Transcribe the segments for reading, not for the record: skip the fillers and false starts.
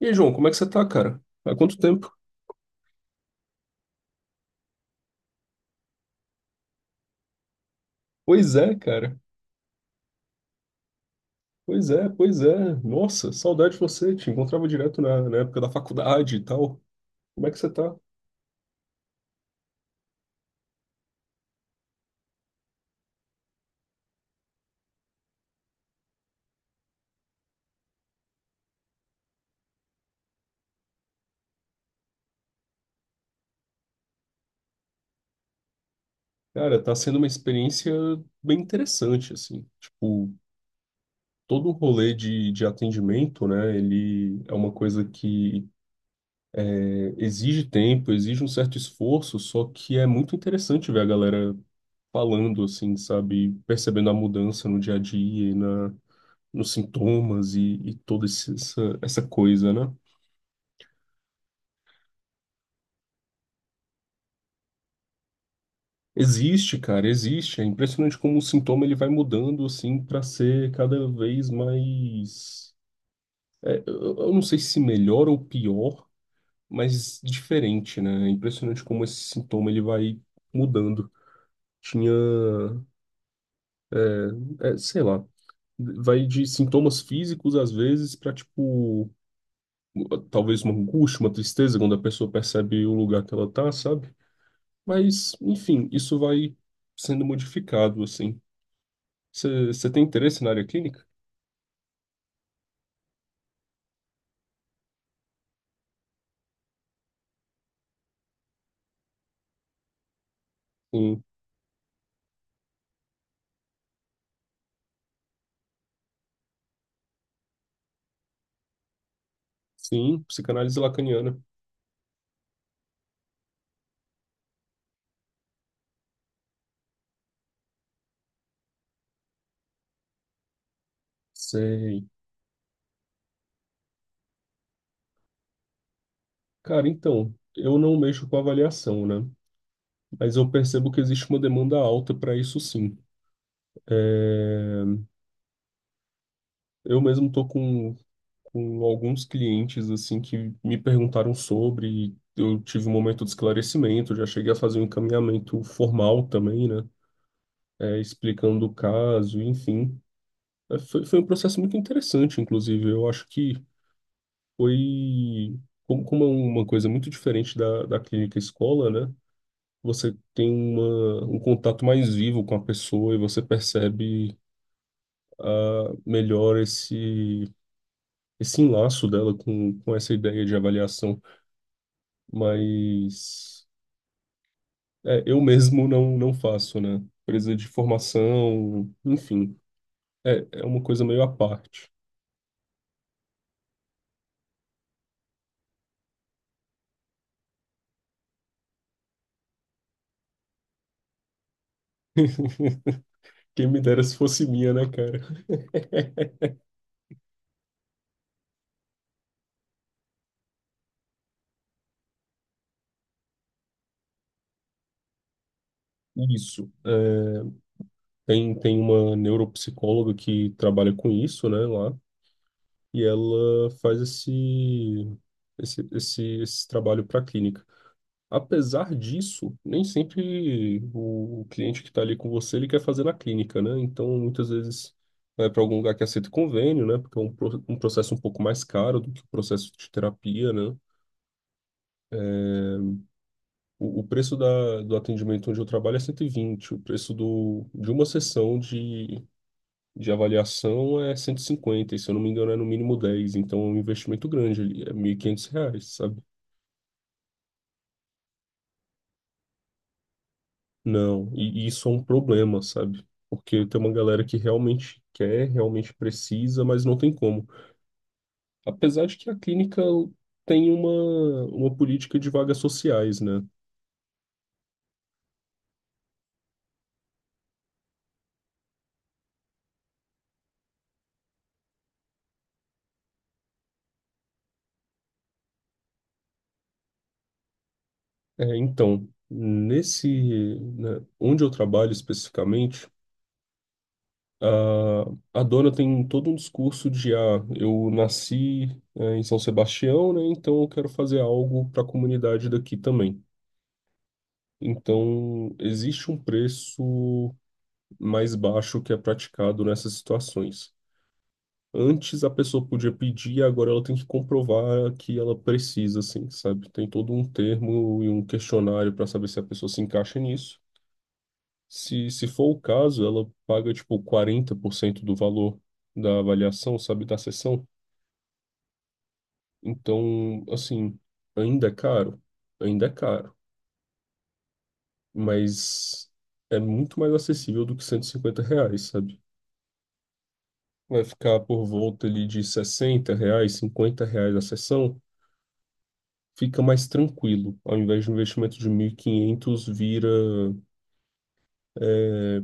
E aí, João, como é que você tá, cara? Há quanto tempo? Pois é, cara. Pois é, pois é. Nossa, saudade de você. Te encontrava direto na época da faculdade e tal. Como é que você tá? Cara, tá sendo uma experiência bem interessante, assim. Tipo, todo o rolê de atendimento, né? Ele é uma coisa que exige tempo, exige um certo esforço, só que é muito interessante ver a galera falando, assim, sabe? Percebendo a mudança no dia a dia e na nos sintomas e toda essa coisa, né? Existe, cara, existe. É impressionante como o sintoma ele vai mudando assim para ser cada vez mais, eu não sei se melhor ou pior, mas diferente, né? É impressionante como esse sintoma ele vai mudando. Tinha, sei lá, vai de sintomas físicos às vezes para tipo talvez uma angústia, uma tristeza quando a pessoa percebe o lugar que ela tá, sabe? Mas, enfim, isso vai sendo modificado, assim. Você tem interesse na área clínica? Sim, sim, psicanálise lacaniana. Sei. Cara, então, eu não mexo com avaliação, né? Mas eu percebo que existe uma demanda alta para isso, sim. Eu mesmo tô com alguns clientes, assim, que me perguntaram sobre, e eu tive um momento de esclarecimento, já cheguei a fazer um encaminhamento formal também, né? Explicando o caso, enfim. Foi um processo muito interessante, inclusive. Eu acho que foi, como é uma coisa muito diferente da clínica escola, né? Você tem um contato mais vivo com a pessoa e você percebe ah, melhor esse enlaço dela com essa ideia de avaliação. Mas eu mesmo não faço, né? Precisa de formação, enfim, é uma coisa meio à parte. Quem me dera se fosse minha, né, cara? Isso. É, tem uma neuropsicóloga que trabalha com isso, né, lá, e ela faz esse trabalho para a clínica. Apesar disso, nem sempre o cliente que está ali com você, ele quer fazer na clínica, né? Então, muitas vezes vai para algum lugar que aceita convênio, né? Porque é um processo um pouco mais caro do que o processo de terapia, né? O preço do atendimento onde eu trabalho é 120, o preço do, de uma sessão de avaliação é 150, e se eu não me engano é no mínimo 10, então é um investimento grande ali, é R$ 1.500, sabe? Não, e isso é um problema, sabe? Porque tem uma galera que realmente quer, realmente precisa, mas não tem como. Apesar de que a clínica tem uma política de vagas sociais, né? Então, nesse, né, onde eu trabalho especificamente, a dona tem todo um discurso de, ah, eu nasci, em São Sebastião, né? Então eu quero fazer algo para a comunidade daqui também. Então, existe um preço mais baixo que é praticado nessas situações. Antes a pessoa podia pedir, agora ela tem que comprovar que ela precisa, assim, sabe? Tem todo um termo e um questionário para saber se a pessoa se encaixa nisso. Se for o caso, ela paga tipo 40% do valor da avaliação, sabe, da sessão. Então, assim, ainda é caro, ainda é caro, mas é muito mais acessível do que R$ 150, sabe? Vai ficar por volta ali de R$ 60, R$ 50 a sessão, fica mais tranquilo. Ao invés de um investimento de 1.500 vira é,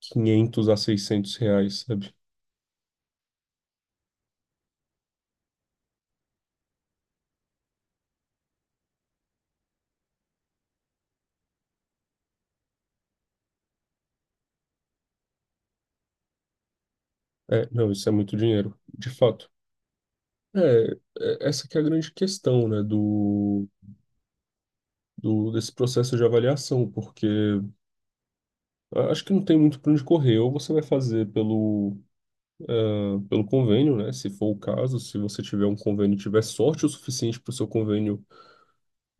500 a R$ 600, sabe? É, não, isso é muito dinheiro, de fato. É, essa que é a grande questão, né, do, do desse processo de avaliação, porque acho que não tem muito para onde correr. Ou você vai fazer pelo convênio, né, se for o caso, se você tiver um convênio, e tiver sorte o suficiente para o seu convênio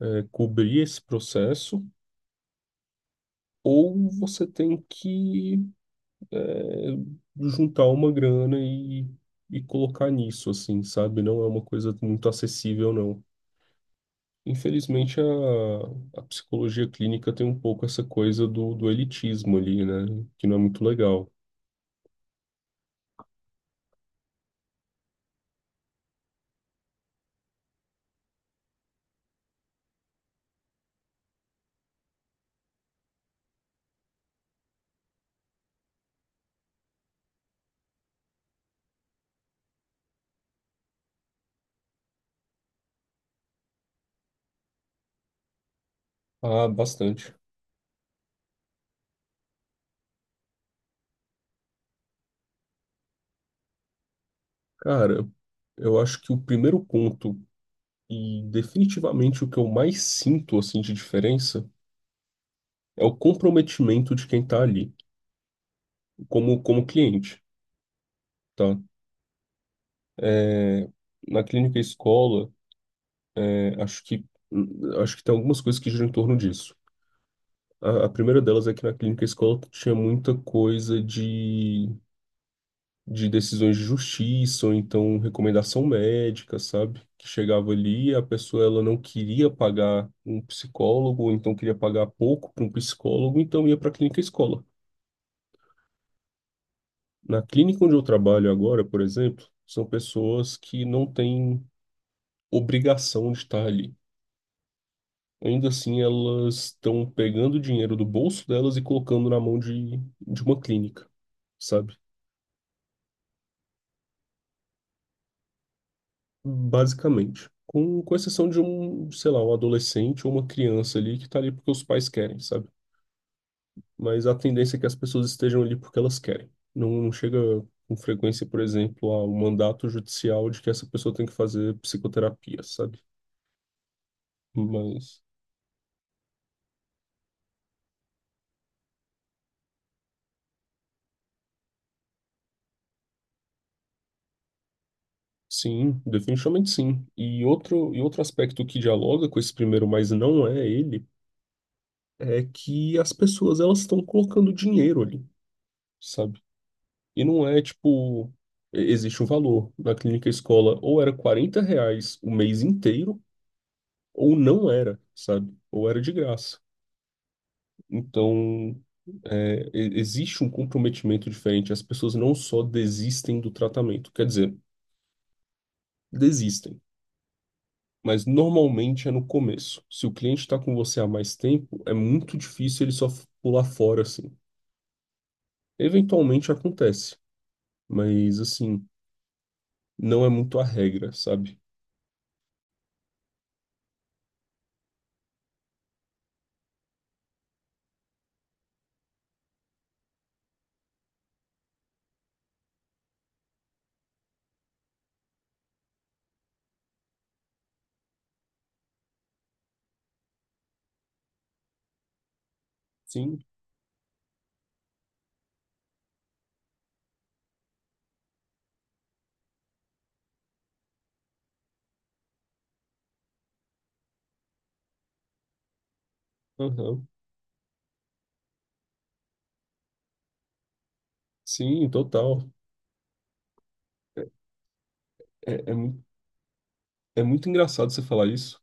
cobrir esse processo, ou você tem que eh, juntar uma grana e colocar nisso, assim, sabe? Não é uma coisa muito acessível, não. Infelizmente, a psicologia clínica tem um pouco essa coisa do elitismo ali, né? Que não é muito legal. Ah, bastante. Cara, eu acho que o primeiro ponto, e definitivamente o que eu mais sinto, assim, de diferença, é o comprometimento de quem tá ali, como, como cliente, tá? É, Na clínica e escola, é, acho que, acho que tem algumas coisas que giram em torno disso. A primeira delas é que na clínica e escola tinha muita coisa de decisões de justiça, ou então recomendação médica, sabe? Que chegava ali e a pessoa ela não queria pagar um psicólogo, ou então queria pagar pouco para um psicólogo, então ia para a clínica escola. Na clínica onde eu trabalho agora, por exemplo, são pessoas que não têm obrigação de estar ali. Ainda assim, elas estão pegando o dinheiro do bolso delas e colocando na mão de uma clínica, sabe? Basicamente. Com exceção de um, sei lá, um adolescente ou uma criança ali que tá ali porque os pais querem, sabe? Mas a tendência é que as pessoas estejam ali porque elas querem. Não, não chega com frequência, por exemplo, a um mandato judicial de que essa pessoa tem que fazer psicoterapia, sabe? Mas sim, definitivamente sim. E outro aspecto que dialoga com esse primeiro, mas não é ele, é que as pessoas elas estão colocando dinheiro ali, sabe? E não é tipo, existe um valor. Na clínica escola, ou era R$ 40 o mês inteiro, ou não era, sabe? Ou era de graça. Então, existe um comprometimento diferente. As pessoas não só desistem do tratamento, quer dizer, desistem. Mas normalmente é no começo. Se o cliente está com você há mais tempo, é muito difícil ele só pular fora assim. Eventualmente acontece, mas assim, não é muito a regra, sabe? Sim. Aham. Sim, total. É, é, mu- É muito engraçado você falar isso,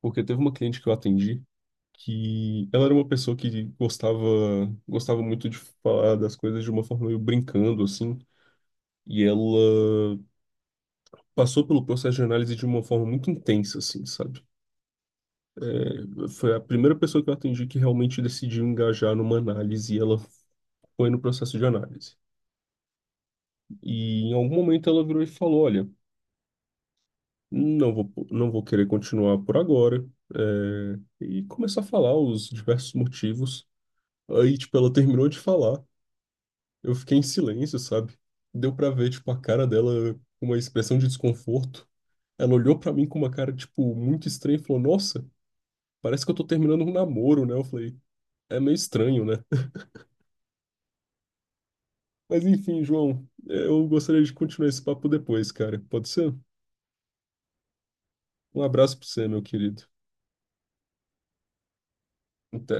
porque teve uma cliente que eu atendi, que ela era uma pessoa que gostava, gostava muito de falar das coisas de uma forma meio brincando, assim, e ela passou pelo processo de análise de uma forma muito intensa, assim, sabe? Foi a primeira pessoa que eu atendi que realmente decidiu engajar numa análise, e ela foi no processo de análise. E em algum momento ela virou e falou: Olha. Não vou querer continuar por agora. é, e começar a falar os diversos motivos. Aí, tipo, ela terminou de falar. Eu fiquei em silêncio, sabe? Deu pra ver, tipo, a cara dela com uma expressão de desconforto. Ela olhou pra mim com uma cara, tipo, muito estranha e falou: Nossa, parece que eu tô terminando um namoro, né? Eu falei: É meio estranho, né? Mas enfim, João, eu gostaria de continuar esse papo depois, cara. Pode ser? Um abraço pra você, meu querido. Até.